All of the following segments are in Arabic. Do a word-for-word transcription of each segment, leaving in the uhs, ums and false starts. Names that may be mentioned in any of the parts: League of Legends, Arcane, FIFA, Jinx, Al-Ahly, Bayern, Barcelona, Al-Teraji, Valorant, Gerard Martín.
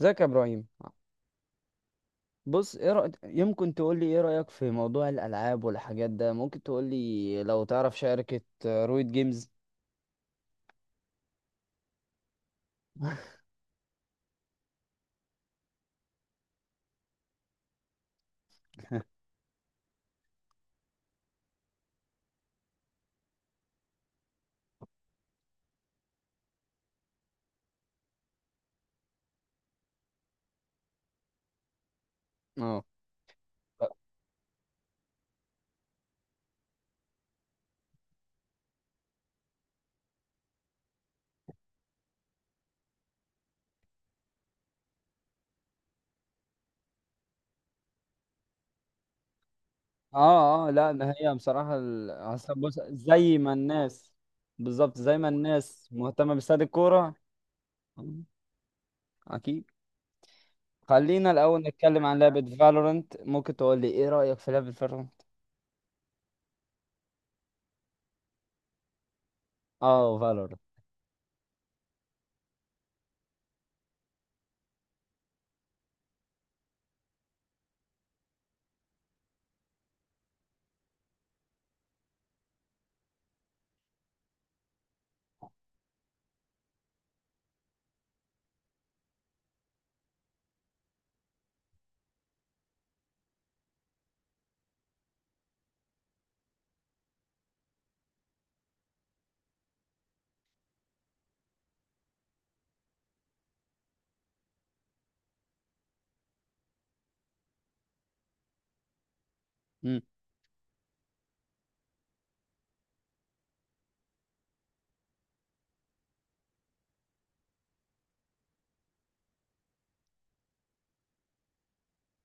ازيك يا ابراهيم؟ بص، ايه رأيك؟ يمكن تقول لي ايه رأيك في موضوع الالعاب والحاجات ده؟ ممكن تقول لي لو تعرف شركة آه، رويد جيمز؟ اه اه اه لا، ما هي بصراحة ال- أصل، بص زي ما الناس... بالظبط زي ما الناس مهتمة باستاد الكورة. مم. اكيد. خلينا الاول نتكلم عن لعبة فالورنت. ممكن تقول لي ايه رأيك في لعبة فالورنت؟ اه، فالورنت.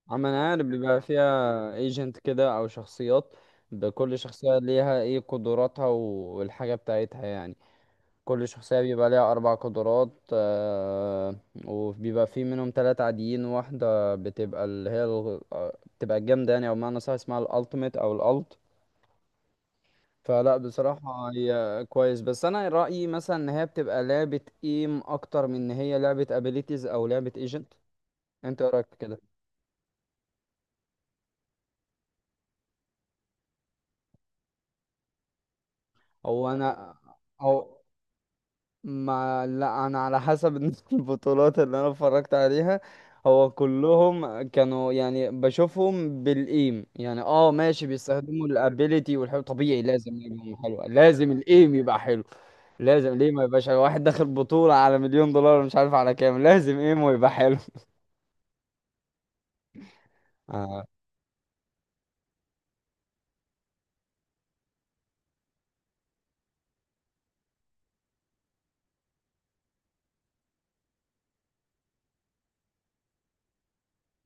عم، انا عارف بيبقى فيها ايجنت كده او شخصيات، بكل شخصية ليها ايه قدراتها و- والحاجة بتاعتها يعني. كل شخصية بيبقى ليها اربع قدرات آه وبيبقى في منهم ثلاثة عاديين، واحدة بتبقى اللي هي الغ- آه، بتبقى الجامدة يعني، او بمعنى صح اسمها الالتيميت او الالت. فلا، بصراحة هي كويس، بس انا رأيي مثلا ان هي بتبقى لعبة ايم اكتر من ان هي لعبة ابيليتيز او لعبة ايجنت. انت إيه رأيك في كده؟ هو انا او ما لا، انا على حسب البطولات اللي انا اتفرجت عليها. هو كلهم كانوا يعني بشوفهم بالايم، يعني اه ماشي، بيستخدموا الابيليتي، والحلو طبيعي، لازم يبقوا حلوة، لازم الايم يبقى حلو. لازم ليه ما يبقاش حلو؟ واحد داخل بطولة على مليون دولار مش عارف على كام، لازم ايمه يبقى حلو. اه،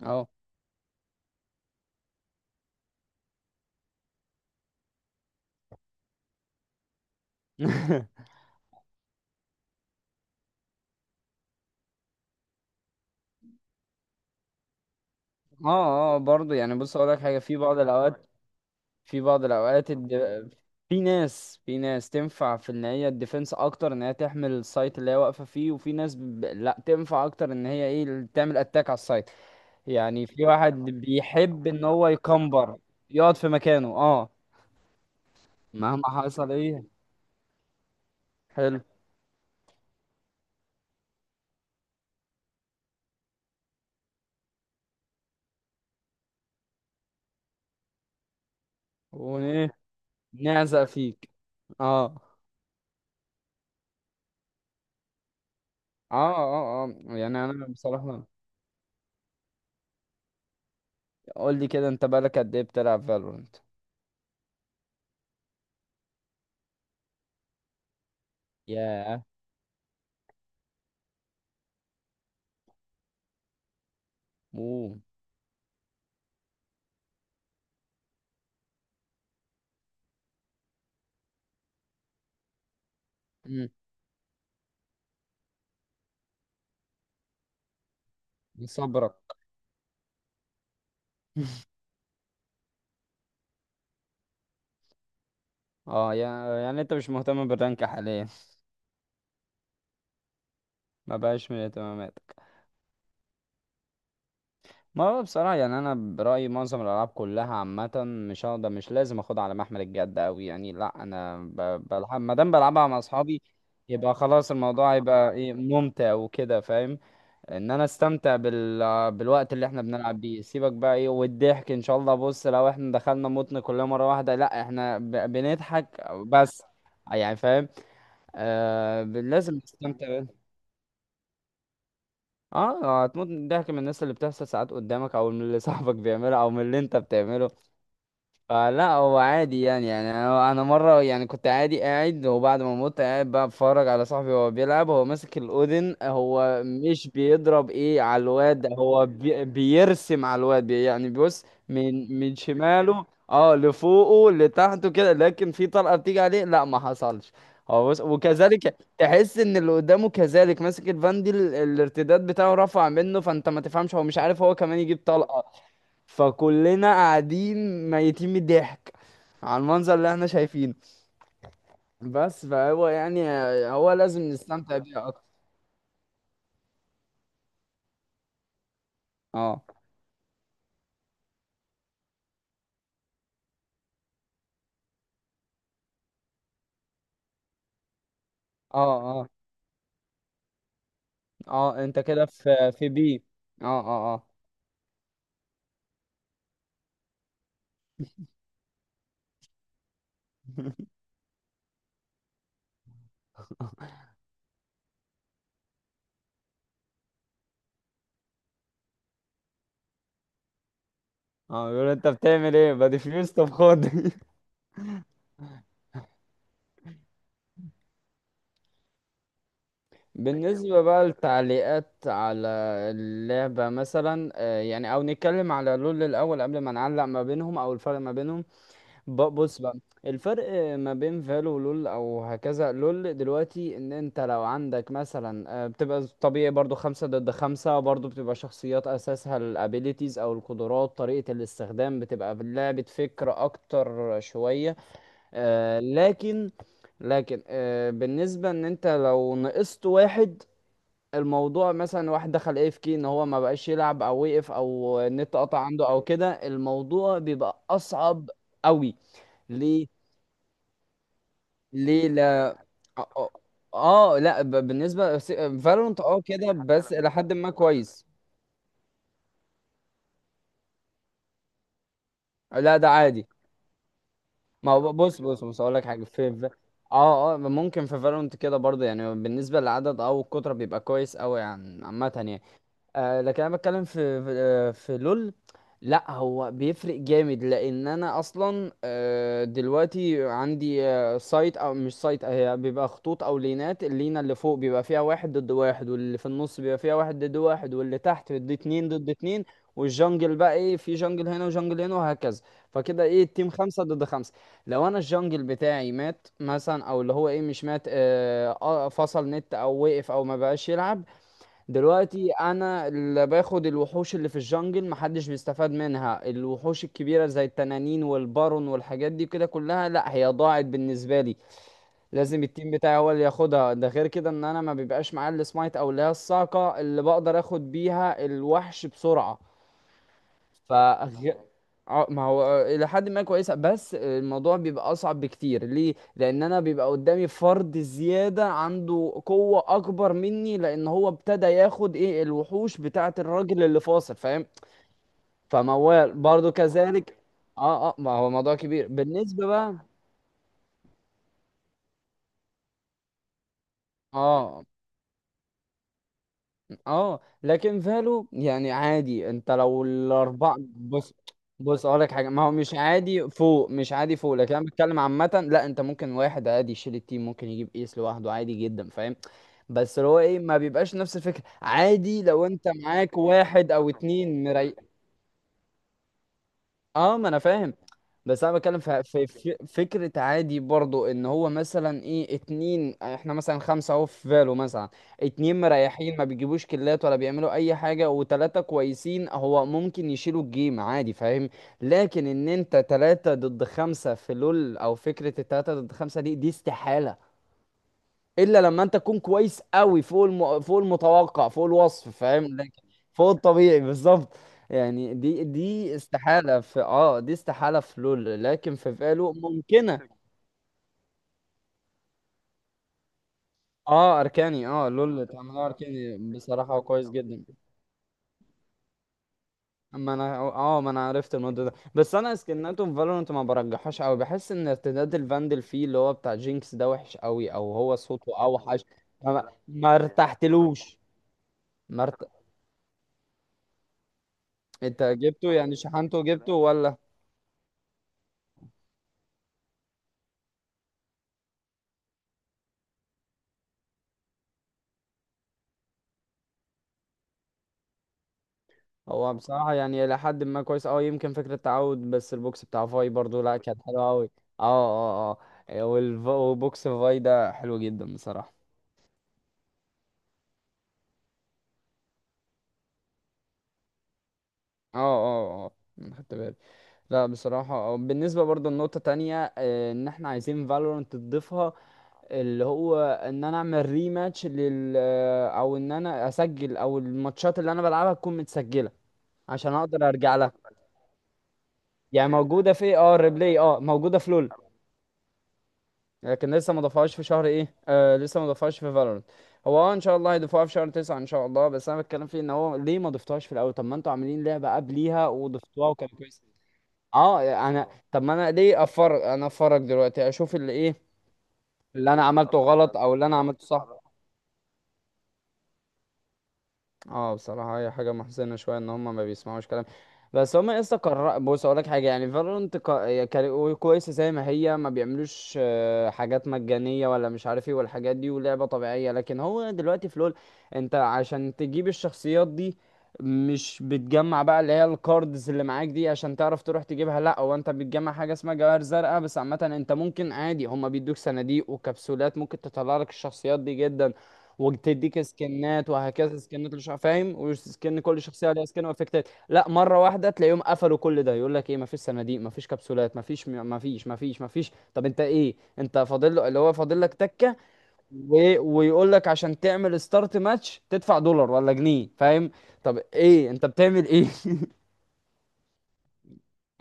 اه. اه، اه، برضه يعني، بص اقول لك حاجه في بعض الاوقات. في بعض الاوقات الد... في ناس، في ناس تنفع في ان هي الديفنس اكتر، ان هي تحمل السايت اللي هي واقفه فيه، وفي ناس ب... لا تنفع اكتر ان هي ايه تعمل اتاك على السايت. يعني في واحد بيحب ان هو يكمبر، يقعد في مكانه اه مهما حصل ايه. حلو. وايه. نعزق فيك. اه، اه، اه، اه، يعني انا بصراحه... قول لي كده، انت بقالك قد ايه بتلعب فالورنت؟ ياه. اوه. مم. صبرك. اه، يعني يعني انت مش مهتم بالرانك حاليا؟ ما بقاش من اهتماماتك. ما هو بصراحة يعني انا برأيي معظم الالعاب كلها عامة مش هقدر، مش لازم اخدها على محمل الجد اوي، يعني لا، انا ب- بلعب ما دام بلعبها مع اصحابي. يبقى خلاص الموضوع هيبقى ايه، ممتع وكده، فاهم؟ ان انا استمتع بال... بالوقت اللي احنا بنلعب بيه، سيبك بقى ايه، والضحك ان شاء الله. بص، لو احنا دخلنا متن كلنا مرة واحدة، لا، احنا ب... بنضحك بس. يعني فاهم؟ آه... لازم تستمتع. اه، هتموت من الضحك، من الناس اللي بتحصل ساعات قدامك، او من اللي صاحبك بيعمله، او من اللي انت بتعمله. فلا، هو عادي يعني. يعني انا أنا مره يعني كنت عادي قاعد، وبعد ما مت قاعد بقى بتفرج على صاحبي وهو بيلعب، هو ماسك الاودن، هو مش بيضرب ايه على الواد، هو بي بيرسم على الواد بي يعني، بيبص من من شماله، اه لفوقه، لتحته كده، لكن في طلقه بتيجي عليه، لا، ما حصلش. هو بص، وكذلك تحس ان اللي قدامه كذلك ماسك الفاندي، ال- الارتداد بتاعه رفع منه، فانت ما تفهمش، هو مش عارف هو كمان يجيب طلقه. فكلنا قاعدين ميتين من الضحك على المنظر اللي احنا شايفينه. بس فهو يعني، هو لازم نستمتع بيه اكتر. اه، اه، اه، اه، انت كده في في بي. اه، اه، اه. اه، بيقول انت بتعمل ايه بديفيوز؟ طب خد. بالنسبة بقى للتعليقات على اللعبة مثلا، آه، يعني، او نتكلم على لول الاول قبل ما نعلق ما بينهم او الفرق ما بينهم. ب- بص بقى، الفرق ما بين فالو ولول، او هكذا لول دلوقتي، ان انت لو عندك مثلا آه، بتبقى طبيعي برضو خمسة ضد خمسة، برضو بتبقى شخصيات اساسها الابيليتيز او القدرات، طريقة الاستخدام، بتبقى لعبة فكر اكتر شوية. آه، لكن. لكن آه، بالنسبة ان انت لو نقصت واحد، الموضوع مثلا واحد دخل اف كي ان هو ما بقاش يلعب، او وقف، او النت قطع عنده او كده، الموضوع بيبقى اصعب قوي. ليه؟ ليه، لا. اه. آه، لا، ب- بالنسبه فالورنت اه كده بس الى حد ما كويس. لا، ده عادي. ما هو ب- بص، بص، بص، اقول لك حاجه في في- اه اه ممكن في فالورنت كده برضه، يعني بالنسبه للعدد او الكتره بيبقى كويس قوي، يعني عامه يعني. آه لكن انا بتكلم في في, آه في لول. لا، هو بيفرق جامد، لان انا اصلا آه دلوقتي عندي آه سايت، او مش سايت، هي بيبقى خطوط او لينات، اللينه اللي فوق بيبقى فيها واحد ضد واحد، واللي في النص بيبقى فيها واحد ضد واحد، واللي تحت ضد اتنين، ضد اتنين، والجنجل بقى ايه، في جنجل هنا وجنجل هنا وهكذا، فكده ايه، التيم خمسة ضد خمسة. لو انا الجنجل بتاعي مات مثلا، او اللي هو ايه مش مات، آه آه، فصل نت او وقف او ما بقاش يلعب، دلوقتي انا اللي باخد الوحوش اللي في الجنجل، محدش بيستفاد منها، الوحوش الكبيره زي التنانين والبارون والحاجات دي كده كلها، لا هي ضاعت بالنسبه لي. لازم التيم بتاعي هو اللي ياخدها. ده غير كده ان انا ما بيبقاش معايا السمايت، او اللي هي الصاعقه اللي بقدر اخد بيها الوحش بسرعه. ف ما هو آه، الى حد ما كويسه، بس الموضوع بيبقى اصعب بكتير. ليه؟ لان انا بيبقى قدامي فرد زياده عنده قوه اكبر مني، لان هو ابتدى ياخد ايه، الوحوش بتاعه الراجل اللي فاصل، فاهم؟ فموال برضو كذلك. اه، اه، ما هو موضوع كبير بالنسبه بقى. اه، اه، لكن فالو يعني عادي انت لو الاربعه بص. بص اقول لك حاجه، ما هو مش عادي فوق، مش عادي فوق، لكن انا بتكلم عامه. لا، انت ممكن واحد عادي يشيل التيم، ممكن يجيب ايس لوحده عادي جدا، فاهم؟ بس اللي هو ايه، ما بيبقاش نفس الفكره، عادي لو انت معاك واحد او اتنين مري. اه، ما انا فاهم. بس انا بتكلم في في في- فكره عادي برضو، ان هو مثلا ايه اتنين، احنا مثلا خمسه اهو في فالو مثلا، اتنين مريحين ما بيجيبوش كلات ولا بيعملوا اي حاجه وتلاته كويسين، هو ممكن يشيلوا الجيم عادي، فاهم؟ لكن ان انت تلاته ضد خمسه في لول، او فكره التلاته ضد خمسه دي دي استحاله، الا لما انت تكون كويس قوي فوق الم... فوق المتوقع، فوق الوصف، فاهم؟ لكن فوق الطبيعي بالظبط. يعني دي دي استحالة في، اه دي استحالة في لول، لكن في فالو ممكنة. اه، اركاني. اه لول تعملها اركاني، بصراحة هو كويس جدا. اما انا اه ما انا عرفت الموضوع ده، بس انا سكناته في فالورانت ما برجحهاش قوي، بحس ان ارتداد الفاندل فيه اللي هو بتاع جينكس ده وحش قوي، او هو صوته اوحش. ما, ما ارتحتلوش. ما ارت... انت جبته، يعني شحنته جبته ولا؟ هو بصراحة يعني إلى حد ما كويس أوي، يمكن فكرة تعود، بس البوكس بتاع فاي برضو، لأ كانت حلوة أوي. اه، اه، اه. آه، والف- وبوكس فاي ده حلو جدا بصراحة. اه، اه، اه. آه، أنا خدت بالي. لا، بصراحة آه، بالنسبة برضو لنقطة تانية آه، إن إحنا عايزين فالورانت تضيفها، اللي هو إن أنا أعمل ريماتش لل آه، أو إن أنا أسجل، أو الماتشات اللي أنا بلعبها تكون متسجلة عشان أقدر أرجع لها. يعني موجودة في اه الريبلاي، اه موجودة في لول، لكن لسه ما ضافوهاش في شهر ايه، آه لسه ما ضافوهاش في فالورنت. هو اه ان شاء الله هيضيفوها في شهر تسعة ان شاء الله، بس انا بتكلم فيه ان هو ليه ما ضفتوهاش في الاول؟ طب ما انتوا عاملين لعبة قبليها وضفتوها وكان كويس. اه. انا طب ما انا ليه افرج؟ انا افرج دلوقتي اشوف اللي ايه اللي انا عملته غلط او اللي انا عملته صح. اه، بصراحة هي حاجة محزنة شوية، ان هما ما بيسمعوش كلام. بس هما لسه قرر، بص اقول لك حاجة يعني، فالورانت ك... هي كاري- كويسة زي ما هي، ما بيعملوش آه، حاجات مجانية ولا مش عارف ايه والحاجات دي، ولعبة طبيعية، لكن هو دلوقتي في لول، انت عشان تجيب الشخصيات دي مش بتجمع بقى اللي هي الكاردز اللي معاك دي عشان تعرف تروح تجيبها، لا، هو انت بتجمع حاجة اسمها جواهر زرقاء، بس عامة انت ممكن عادي هما بيدوك صناديق وكبسولات، ممكن تطلع لك الشخصيات دي جدا، وتديك سكنات، وهكذا سكنات، مش فاهم، وسكن كل شخصيه ليها سكن وافكتات، لا، مره واحده تلاقيهم قفلوا كل ده، يقول لك ايه، مفيش صناديق، مفيش كبسولات، مفيش، مفيش، مفيش، مفيش، طب انت ايه انت فاضل له؟ اللي هو فاضل لك تكه. و... ويقول لك عشان تعمل ستارت ماتش تدفع دولار ولا جنيه، فاهم؟ طب ايه انت بتعمل ايه؟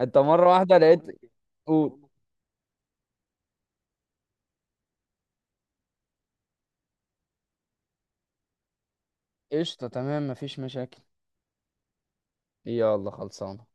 انت مره واحده لقيت. قول. قشطه، تمام، مفيش مشاكل. يلا خلصانه.